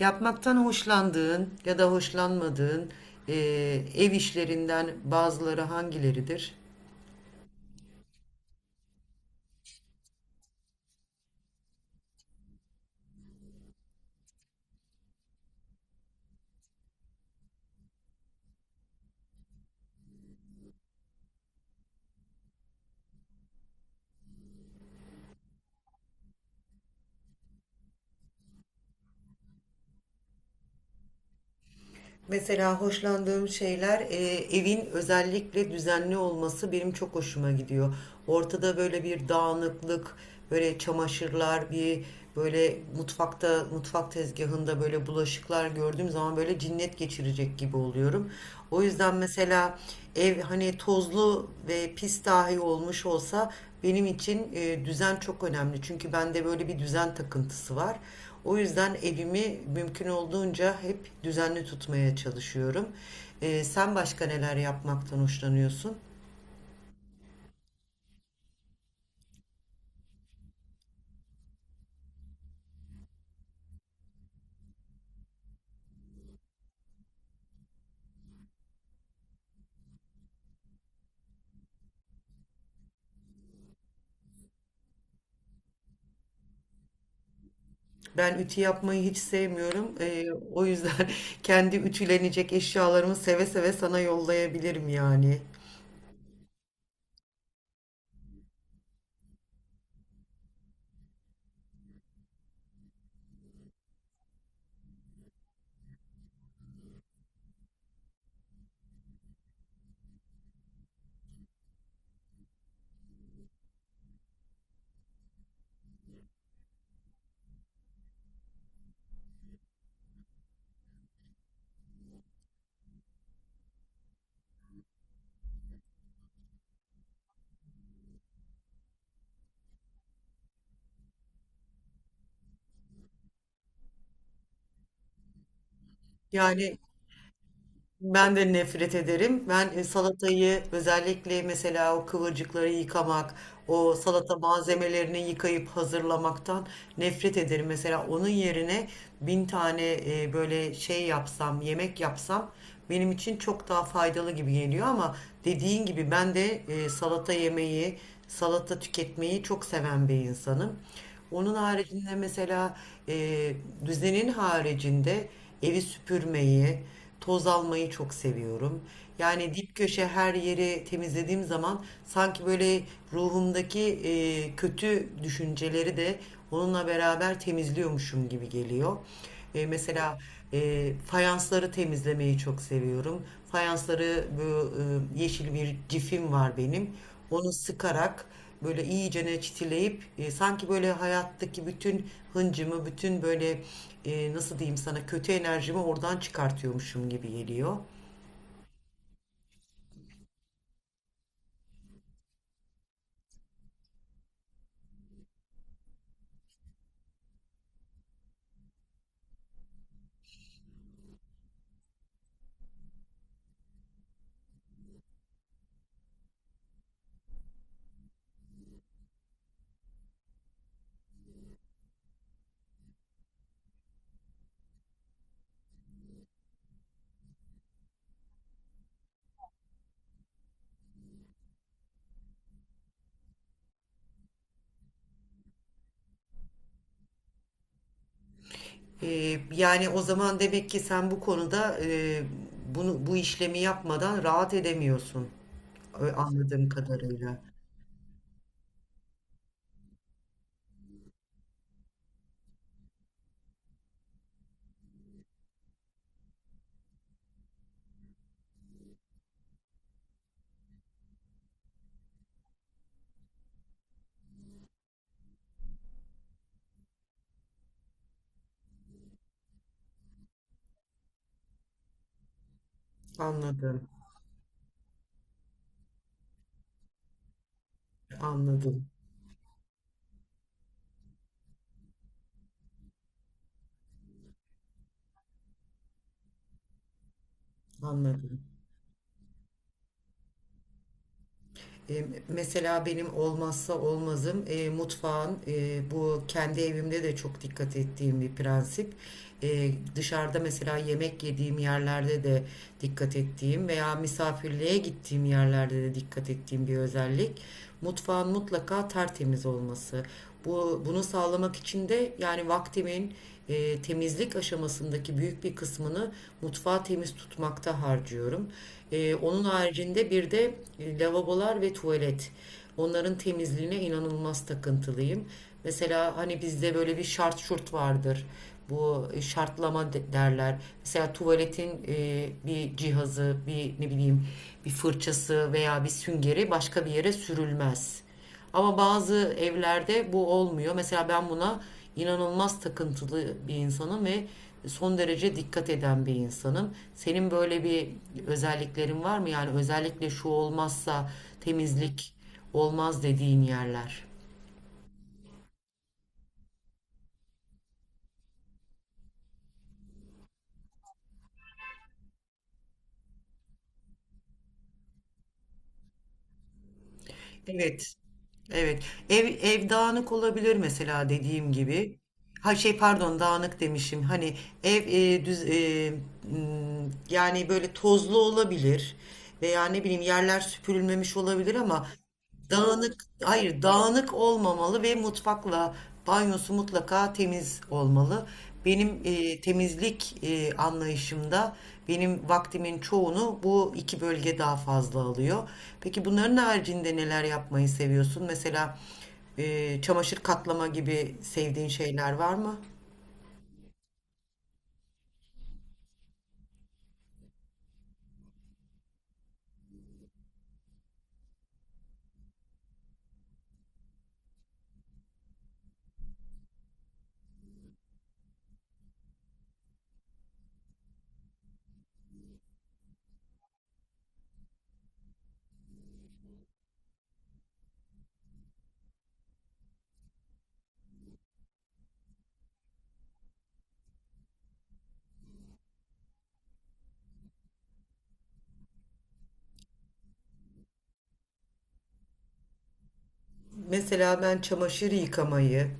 Yapmaktan hoşlandığın ya da hoşlanmadığın e, ev işlerinden bazıları hangileridir? Mesela hoşlandığım şeyler, evin özellikle düzenli olması benim çok hoşuma gidiyor. Ortada böyle bir dağınıklık, böyle çamaşırlar, bir böyle mutfakta, mutfak tezgahında böyle bulaşıklar gördüğüm zaman böyle cinnet geçirecek gibi oluyorum. O yüzden mesela ev hani tozlu ve pis dahi olmuş olsa benim için düzen çok önemli. Çünkü bende böyle bir düzen takıntısı var. O yüzden evimi mümkün olduğunca hep düzenli tutmaya çalışıyorum. Sen başka neler yapmaktan hoşlanıyorsun? Ben ütü yapmayı hiç sevmiyorum. O yüzden kendi ütülenecek eşyalarımı seve seve sana yollayabilirim yani. Yani ben de nefret ederim. Ben salatayı özellikle mesela o kıvırcıkları yıkamak, o salata malzemelerini yıkayıp hazırlamaktan nefret ederim. Mesela onun yerine bin tane böyle şey yapsam, yemek yapsam benim için çok daha faydalı gibi geliyor ama dediğin gibi ben de salata yemeyi, salata tüketmeyi çok seven bir insanım. Onun haricinde mesela, e, düzenin haricinde evi süpürmeyi, toz almayı çok seviyorum. Yani dip köşe her yeri temizlediğim zaman sanki böyle ruhumdaki kötü düşünceleri de onunla beraber temizliyormuşum gibi geliyor. E, mesela fayansları temizlemeyi çok seviyorum. Fayansları bu, yeşil bir cifim var benim. Onu sıkarak böyle iyicene çitileyip, sanki böyle hayattaki bütün hıncımı, bütün böyle, nasıl diyeyim sana, kötü enerjimi oradan çıkartıyormuşum gibi geliyor. E, yani o zaman demek ki sen bu konuda, bu işlemi yapmadan rahat edemiyorsun. Anladığım kadarıyla. Anladım. Anladım. Anladım. Mesela benim olmazsa olmazım, mutfağın, bu kendi evimde de çok dikkat ettiğim bir prensip. E, Dışarıda mesela yemek yediğim yerlerde de dikkat ettiğim veya misafirliğe gittiğim yerlerde de dikkat ettiğim bir özellik: mutfağın mutlaka tertemiz olması. Bunu sağlamak için de yani vaktimin, temizlik aşamasındaki büyük bir kısmını mutfağı temiz tutmakta harcıyorum. E, onun haricinde bir de lavabolar ve tuvalet. Onların temizliğine inanılmaz takıntılıyım. Mesela hani bizde böyle bir şart şurt vardır. Bu, şartlama derler. Mesela tuvaletin, bir cihazı, bir ne bileyim bir fırçası veya bir süngeri başka bir yere sürülmez. Ama bazı evlerde bu olmuyor. Mesela ben buna inanılmaz takıntılı bir insanım ve son derece dikkat eden bir insanım. Senin böyle bir özelliklerin var mı? Yani özellikle şu olmazsa temizlik olmaz dediğin yerler. Evet. Evet. Ev, ev dağınık olabilir mesela dediğim gibi. Ha şey pardon, dağınık demişim. Hani ev, yani böyle tozlu olabilir veya ne bileyim yerler süpürülmemiş olabilir ama dağınık, hayır dağınık olmamalı ve mutfakla banyosu mutlaka temiz olmalı. Benim temizlik anlayışımda benim vaktimin çoğunu bu iki bölge daha fazla alıyor. Peki bunların haricinde neler yapmayı seviyorsun? Mesela çamaşır katlama gibi sevdiğin şeyler var mı? Mesela ben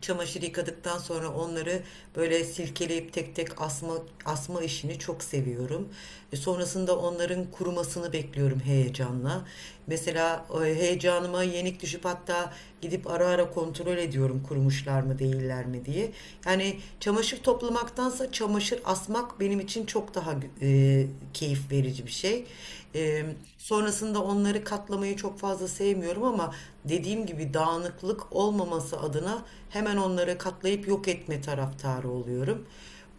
çamaşır yıkadıktan sonra onları böyle silkeleyip tek tek asma işini çok seviyorum. E, sonrasında onların kurumasını bekliyorum heyecanla. Mesela heyecanıma yenik düşüp hatta gidip ara ara kontrol ediyorum kurumuşlar mı değiller mi diye. Yani çamaşır toplamaktansa çamaşır asmak benim için çok daha, e, keyif verici bir şey. E, evet. Sonrasında onları katlamayı çok fazla sevmiyorum ama dediğim gibi dağınıklık olmaması adına hemen onları katlayıp yok etme taraftarı oluyorum.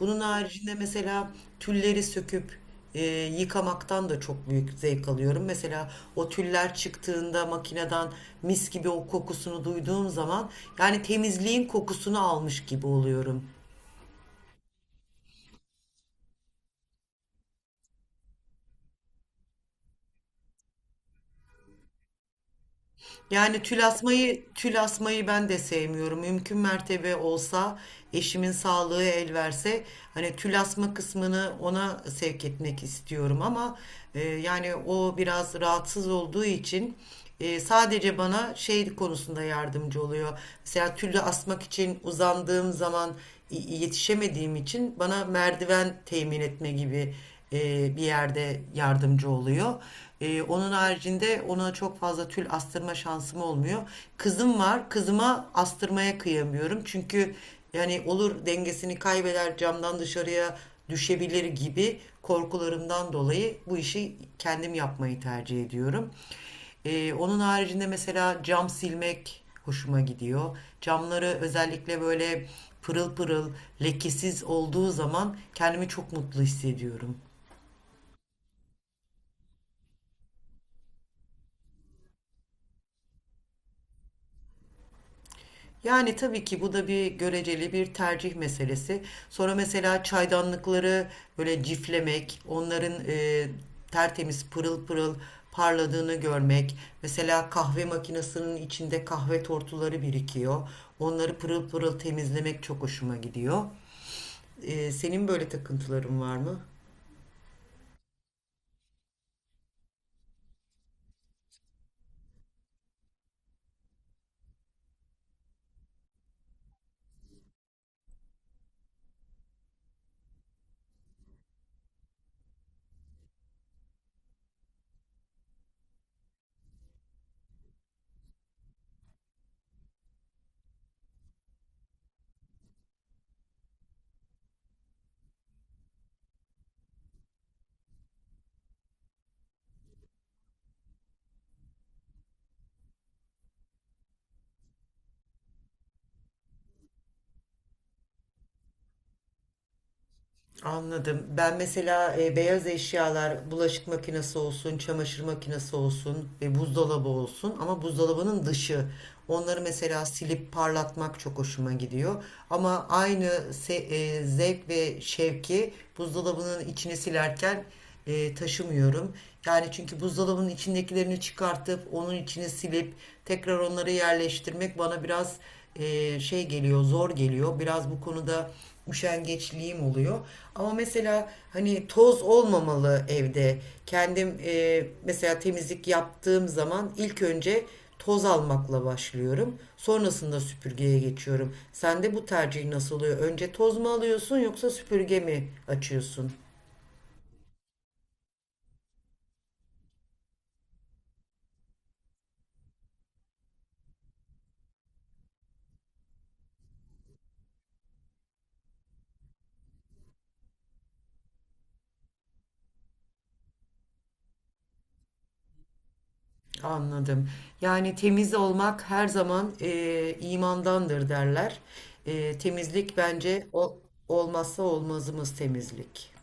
Bunun haricinde mesela tülleri söküp, e, yıkamaktan da çok büyük zevk alıyorum. Mesela o tüller çıktığında makineden mis gibi o kokusunu duyduğum zaman yani temizliğin kokusunu almış gibi oluyorum. Yani tül asmayı ben de sevmiyorum. Mümkün mertebe olsa, eşimin sağlığı el verse hani tül asma kısmını ona sevk etmek istiyorum ama yani o biraz rahatsız olduğu için sadece bana şey konusunda yardımcı oluyor. Mesela tülü asmak için uzandığım zaman yetişemediğim için bana merdiven temin etme gibi bir yerde yardımcı oluyor. E, onun haricinde ona çok fazla tül astırma şansım olmuyor. Kızım var. Kızıma astırmaya kıyamıyorum. Çünkü yani olur dengesini kaybeder, camdan dışarıya düşebilir gibi korkularımdan dolayı bu işi kendim yapmayı tercih ediyorum. Onun haricinde mesela cam silmek hoşuma gidiyor. Camları özellikle böyle pırıl pırıl, lekesiz olduğu zaman kendimi çok mutlu hissediyorum. Yani tabii ki bu da bir göreceli bir tercih meselesi. Sonra mesela çaydanlıkları böyle ciflemek, onların tertemiz pırıl pırıl parladığını görmek. Mesela kahve makinesinin içinde kahve tortuları birikiyor. Onları pırıl pırıl temizlemek çok hoşuma gidiyor. E, senin böyle takıntıların var mı? Anladım. Ben mesela beyaz eşyalar, bulaşık makinesi olsun, çamaşır makinesi olsun ve buzdolabı olsun, ama buzdolabının dışı. Onları mesela silip parlatmak çok hoşuma gidiyor. Ama aynı zevk ve şevki buzdolabının içini silerken taşımıyorum. Yani çünkü buzdolabının içindekilerini çıkartıp onun içini silip tekrar onları yerleştirmek bana biraz zor geliyor. Biraz bu konuda üşengeçliğim oluyor. Ama mesela hani toz olmamalı evde. Kendim, mesela temizlik yaptığım zaman ilk önce toz almakla başlıyorum. Sonrasında süpürgeye geçiyorum. Sende bu tercih nasıl oluyor? Önce toz mu alıyorsun yoksa süpürge mi açıyorsun? Anladım. Yani temiz olmak her zaman, imandandır derler. Temizlik bence olmazsa olmazımız temizlik.